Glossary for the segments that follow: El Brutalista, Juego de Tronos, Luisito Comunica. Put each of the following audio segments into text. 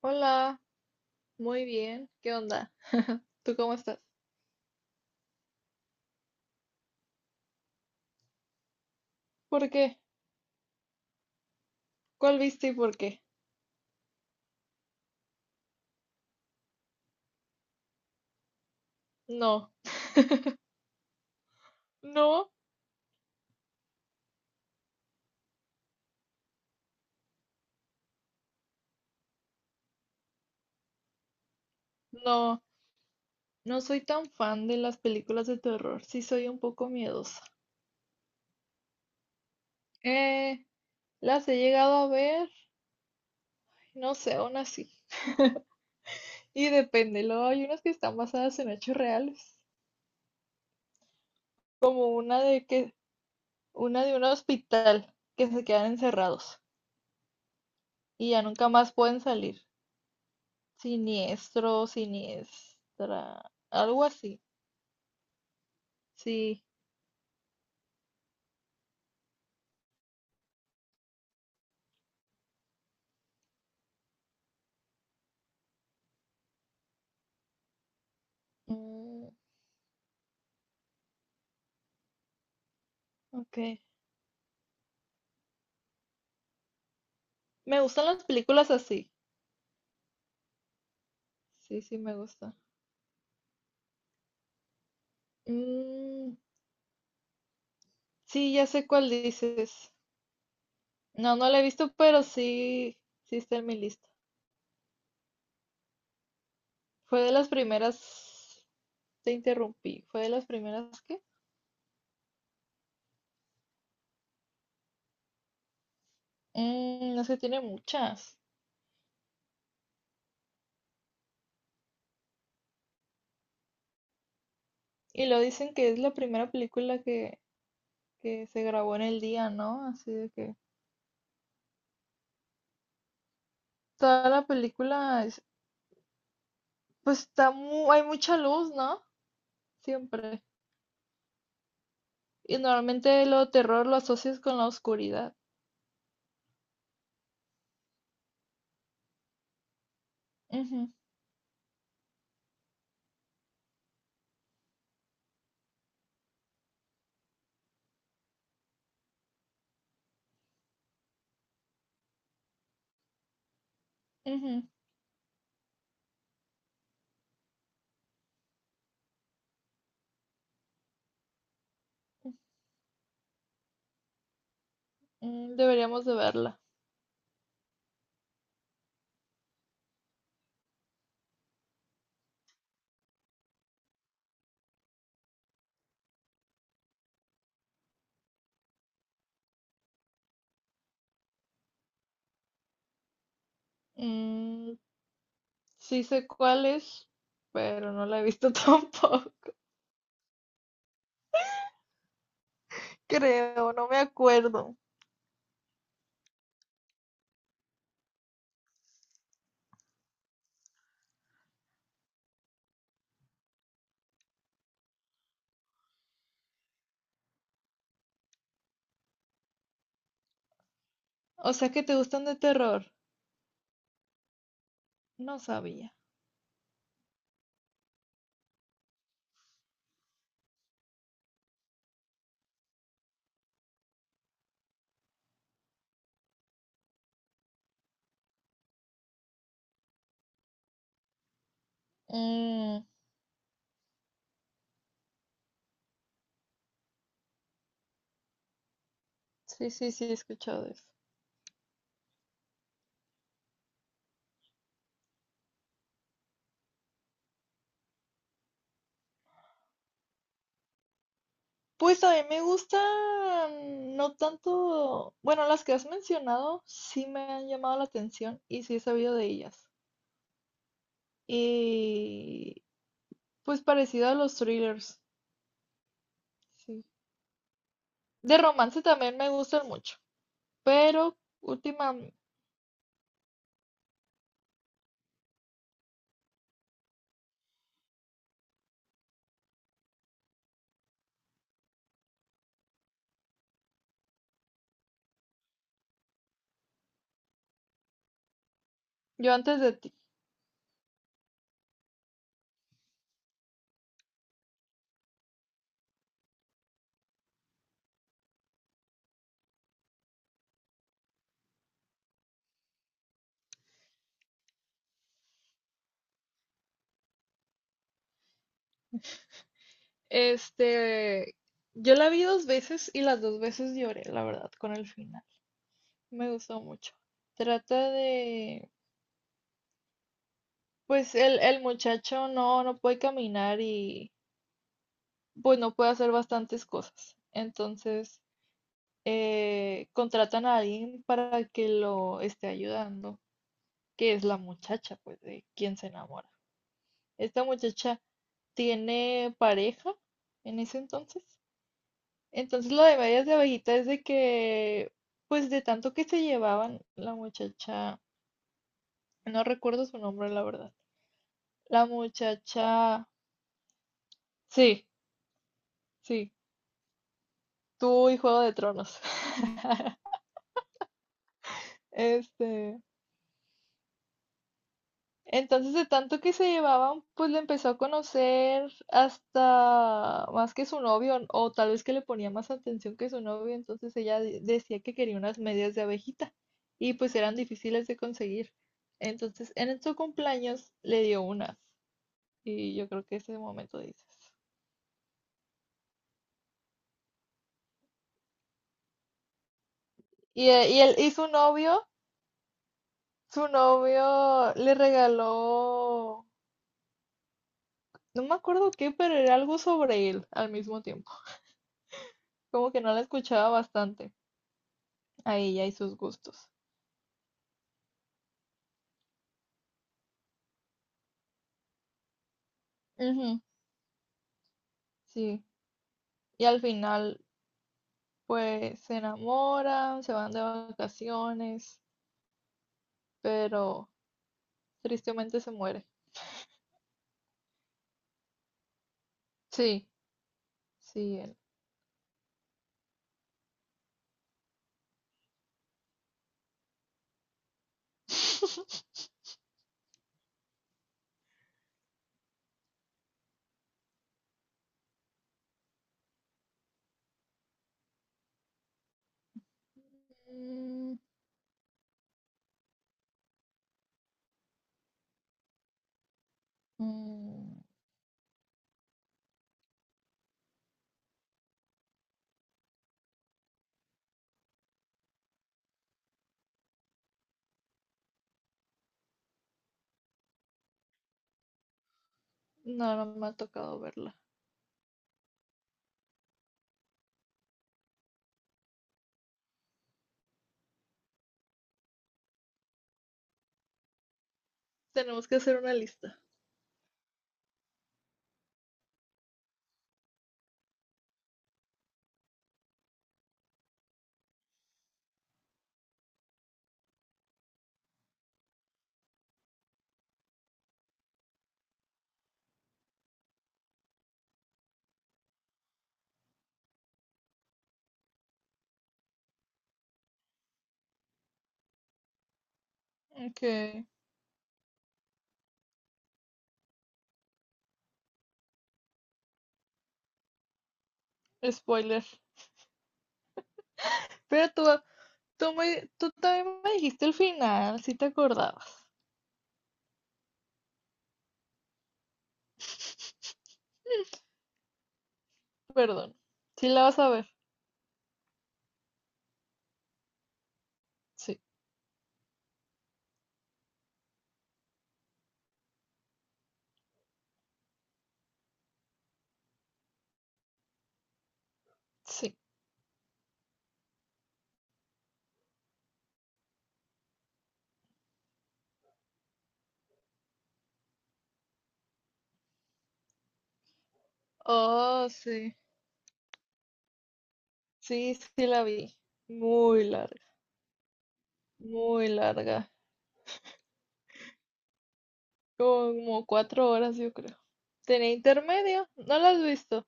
Hola, muy bien. ¿Qué onda? ¿Tú cómo estás? ¿Por qué? ¿Cuál viste y por qué? No, no, no. No soy tan fan de las películas de terror. Sí soy un poco miedosa. Eh, las he llegado a ver, no sé, aún así. Y depende, luego hay unas que están basadas en hechos reales, como una de un hospital que se quedan encerrados y ya nunca más pueden salir. Siniestro, siniestra, algo así. Sí. Mm, ok. Me gustan las películas así. Sí, sí, me gusta. Mm, sí, ya sé cuál dices. No, no la he visto, pero sí, sí está en mi lista. Fue de las primeras, te interrumpí, fue de las primeras que. Mm, no sé, tiene muchas. Y lo dicen que es la primera película que se grabó en el día, ¿no? Así de que toda la película, pues está hay mucha luz, ¿no? Siempre. Y normalmente lo terror lo asocias con la oscuridad. Ujú, ujú. Mm, deberíamos de verla. Mm, sí sé cuál es, pero no la he visto tampoco. Creo, no me acuerdo. O sea que te gustan de terror. No sabía. Mm, sí, sí, sí, he escuchado eso. Pues a mí me gustan, no tanto, bueno, las que has mencionado sí me han llamado la atención y sí he sabido de ellas. Y pues parecido a los thrillers. Sí. De romance también me gustan mucho, pero última, yo antes de ti, este, yo la vi dos veces y las dos veces lloré, la verdad, con el final. Me gustó mucho. Trata de, pues el muchacho no, no puede caminar y pues no puede hacer bastantes cosas. Entonces, contratan a alguien para que lo esté ayudando, que es la muchacha, pues, de quien se enamora. Esta muchacha tiene pareja en ese entonces. Entonces lo de medias de abejita es de que, pues de tanto que se llevaban, la muchacha, no recuerdo su nombre, la verdad. La muchacha, sí, sí, tuvo y Juego de Tronos. Este, entonces, de tanto que se llevaban, pues le empezó a conocer hasta más que su novio, o tal vez que le ponía más atención que su novio, entonces ella decía que quería unas medias de abejita y pues eran difíciles de conseguir. Entonces, en su cumpleaños le dio unas y yo creo que ese momento dices. Y su novio le regaló, no me acuerdo qué, pero era algo sobre él al mismo tiempo, como que no la escuchaba bastante. Ahí ya hay sus gustos. Ujú, sí. Y al final, pues se enamoran, se van de vacaciones, pero tristemente se muere. Sí, sí, él. Mm, mm, no, no me ha tocado verla. Tenemos que hacer una lista. Ok, spoiler. Pero tú, me, tú también me dijiste el final, si te acordabas. Perdón. ¿Sí la vas a ver? Sí, sí. Oh, sí, sí, sí la vi. Muy larga, muy larga. Como 4 horas, yo creo. Tenía intermedio, no la has visto.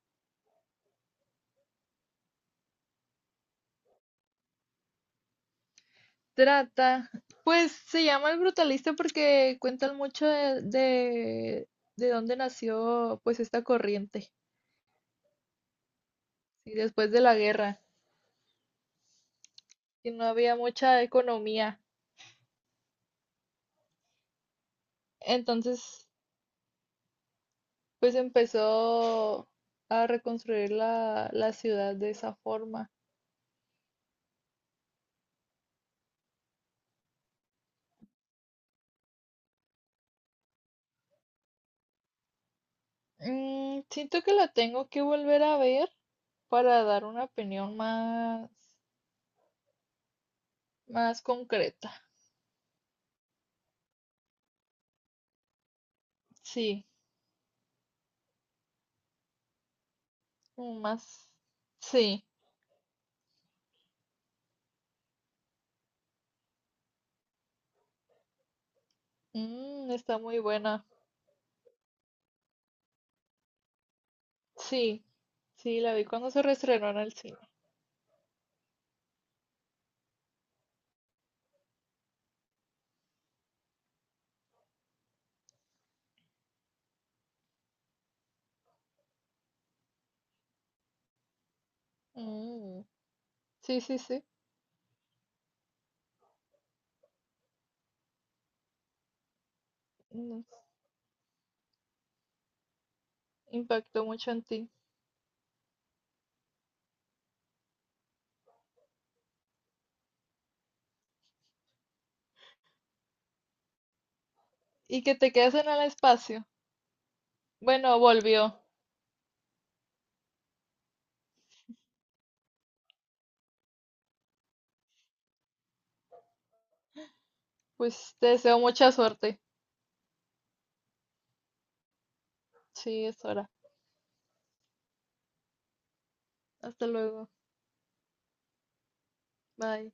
Trata, pues se llama El Brutalista porque cuentan mucho de dónde nació pues esta corriente, y después de la guerra, y no había mucha economía. Entonces, pues empezó a reconstruir la ciudad de esa forma. Mm, siento que la tengo que volver a ver para dar una opinión más, más concreta. Sí, como más. Sí, mm, está muy buena. Sí, sí, la vi cuando se reestrenó en el cine. Mm, sí, sí, sí. Mm, impactó mucho en ti. Y que te quedes en el espacio. Bueno, volvió. Pues te deseo mucha suerte. Sí, es hora. Hasta luego. Bye.